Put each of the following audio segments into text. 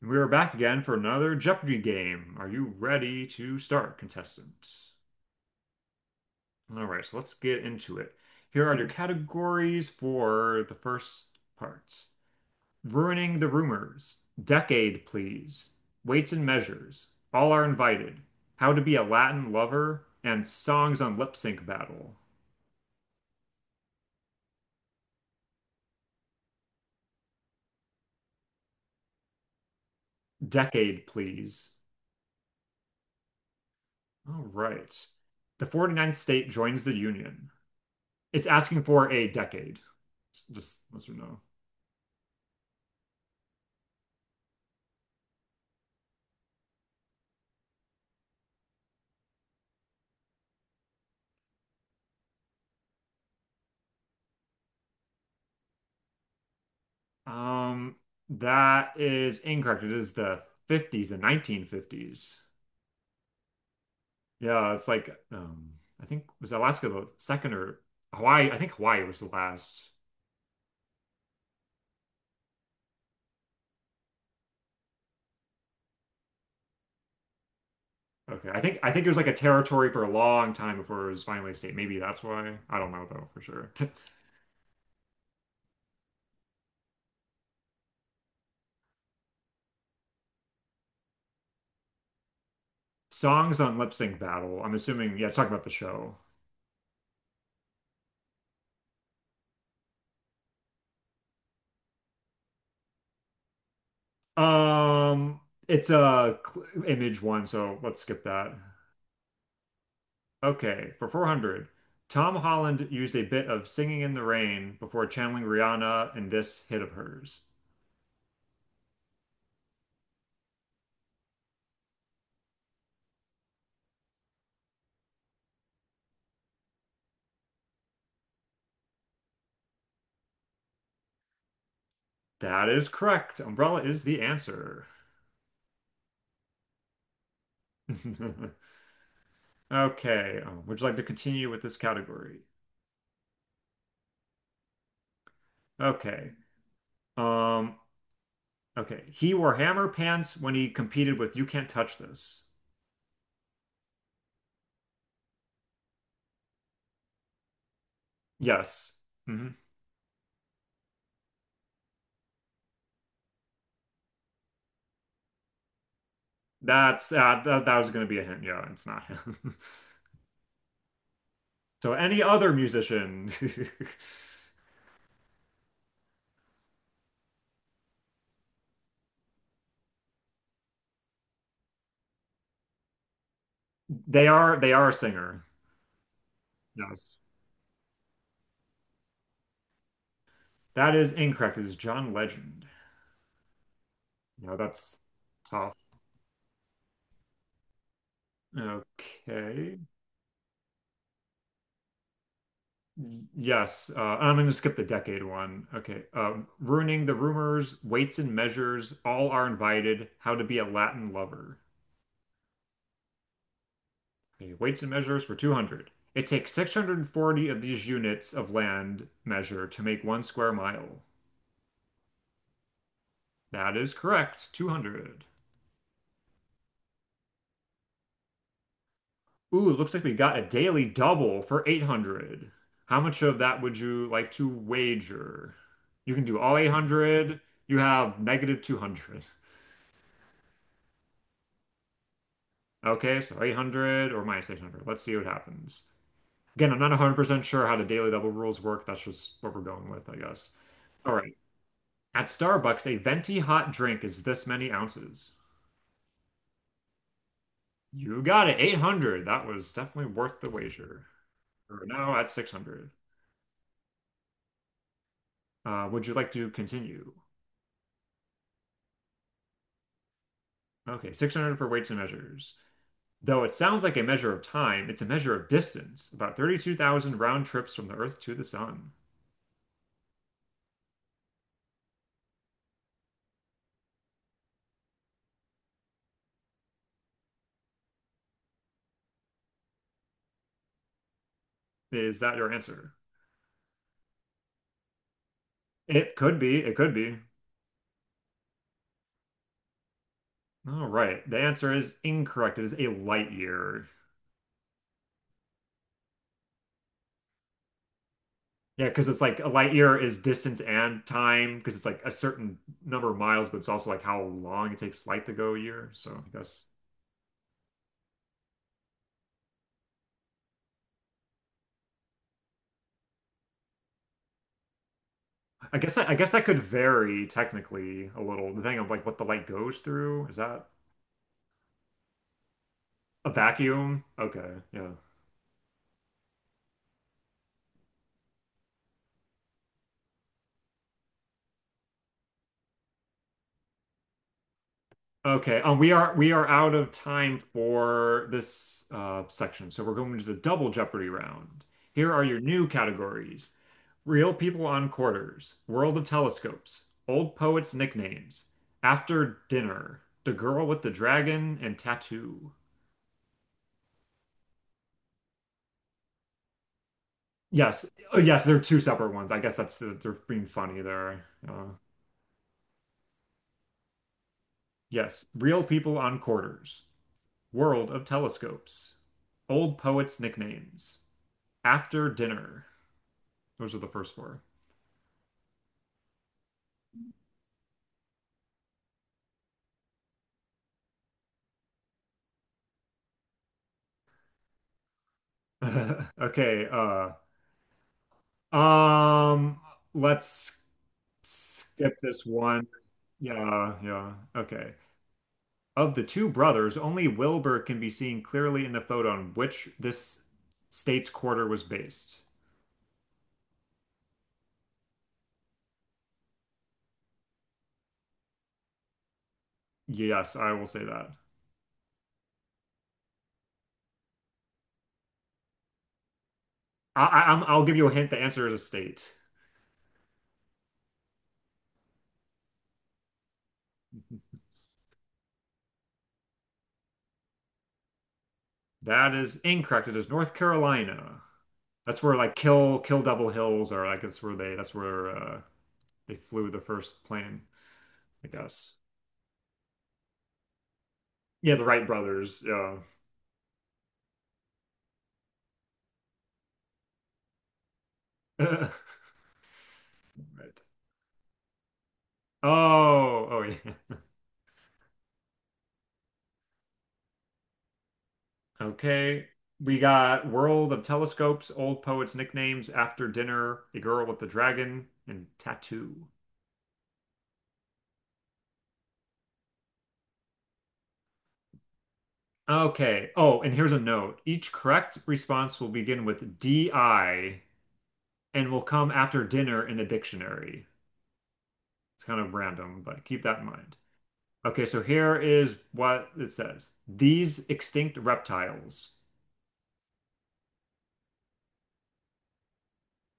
We are back again for another Jeopardy game. Are you ready to start, contestant? All right, so let's get into it. Here are your categories for the first part. Ruining the rumors. Decade, please. Weights and measures. All are invited. How to be a Latin lover. And songs on lip sync battle. Decade, please. All right. The forty-ninth state joins the Union. It's asking for a decade. Just yes or no. Um, that is incorrect. It is the 50s, the 1950s. Yeah, it's like I think was Alaska the second or Hawaii? I think Hawaii was the last. Okay, I think it was like a territory for a long time before it was finally a state. Maybe that's why. I don't know though for sure. Songs on Lip Sync Battle. I'm assuming. Yeah, it's talking about the show. Um, it's a image one, so let's skip that. Okay, for 400, Tom Holland used a bit of Singing in the Rain before channeling Rihanna in this hit of hers. That is correct. Umbrella is the answer. Okay, would you like to continue with this category? Okay. Um, okay. He wore hammer pants when he competed with You Can't Touch This. Yes. Hmm. That was going to be a hint. Yeah, it's not him. So any other musician. They are a singer. Yes. That is incorrect. It is John Legend. No, that's tough. Okay. Yes. I'm going to skip the decade one. Okay. Ruining the rumors, weights and measures, all are invited. How to be a Latin lover. Okay. Weights and measures for 200. It takes 640 of these units of land measure to make one square mile. That is correct. 200. Ooh, looks like we got a daily double for 800. How much of that would you like to wager? You can do all 800. You have negative 200. Okay, so 800 or minus 800. Let's see what happens. Again, I'm not 100% sure how the daily double rules work. That's just what we're going with, I guess. All right. At Starbucks, a venti hot drink is this many ounces. You got it, 800. That was definitely worth the wager. We're now at 600. Would you like to continue? Okay, 600 for weights and measures. Though it sounds like a measure of time, it's a measure of distance, about 32,000 round trips from the Earth to the Sun. Is that your answer? It could be, it could be. All right, the answer is incorrect. It is a light year. Yeah, because it's like a light year is distance and time, because it's like a certain number of miles, but it's also like how long it takes light to go a year. So I guess that could vary technically a little, depending on like what the light goes through. Is that a vacuum? Okay, yeah. Okay, we are out of time for this section, so we're going to the double Jeopardy round. Here are your new categories: Real People on Quarters, World of Telescopes, Old Poets' Nicknames, After Dinner, The Girl with the Dragon, and Tattoo. Yes, oh, yes, they're two separate ones. I guess that's they're being funny there. Yes, Real People on Quarters, World of Telescopes, Old Poets' Nicknames, After Dinner. Those are the first four. Okay, um, let's skip this one. Yeah, yeah. Okay. Of the two brothers, only Wilbur can be seen clearly in the photo on which this state's quarter was based. Yes, I will say that. I'll give you a hint. The answer is a state. That is incorrect. It is North Carolina. That's where like Kill Double Hills are. Like that's where they flew the first plane, I guess. Yeah, the Wright brothers. Yeah. Right. Oh, oh yeah. Okay. We got World of Telescopes, Old Poets Nicknames, After Dinner, The Girl with the Dragon, and Tattoo. Okay. Oh, and here's a note. Each correct response will begin with DI and will come after dinner in the dictionary. It's kind of random, but keep that in mind. Okay, so here is what it says. These extinct reptiles.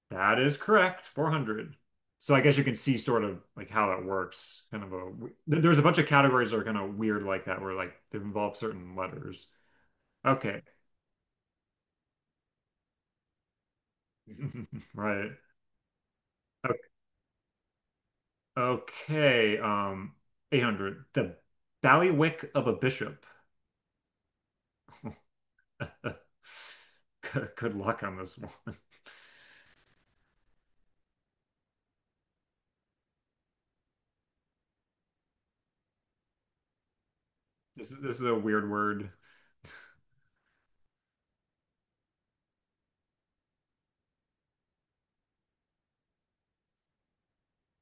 That is correct. 400. So I guess you can see sort of like how that works. Kind of a there's a bunch of categories that are kind of weird like that where like they involve certain letters. Okay. Right. O- Okay. 800. The ballywick of a bishop. Good luck on this one. This is a weird word.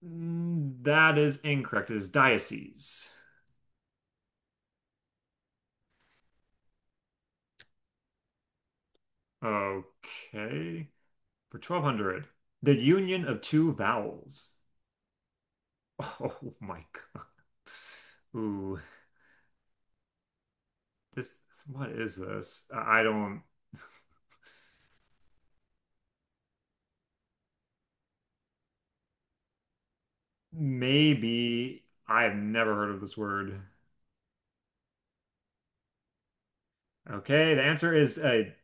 That is incorrect. It is diocese. Okay. For 1200. The union of two vowels. Oh my God. Ooh, this, what is this? I don't, maybe I've never heard of this word. Okay, the answer is a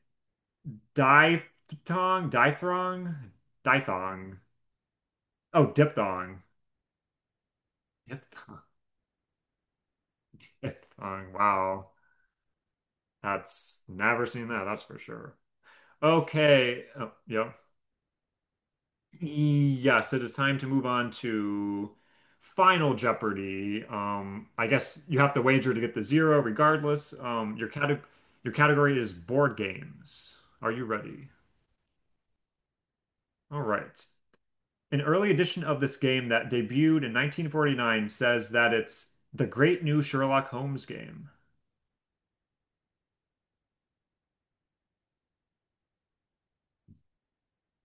diphthong, diphthong, diphthong. Oh, diphthong. Diphthong, diphthong. Wow. That's never seen that, that's for sure. Okay. Oh, yep. Yes, it is time to move on to Final Jeopardy. I guess you have to wager to get the zero regardless. Your category is board games. Are you ready? All right. An early edition of this game that debuted in 1949 says that it's the great new Sherlock Holmes game.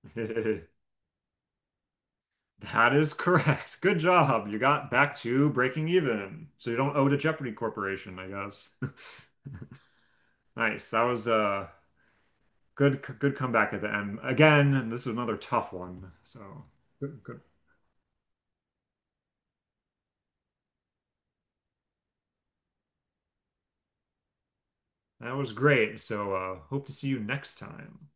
That is correct. Good job. You got back to breaking even. So you don't owe to Jeopardy Corporation, I guess. Nice. That was good, good comeback at the end. Again, this is another tough one. So good, good. That was great. So hope to see you next time.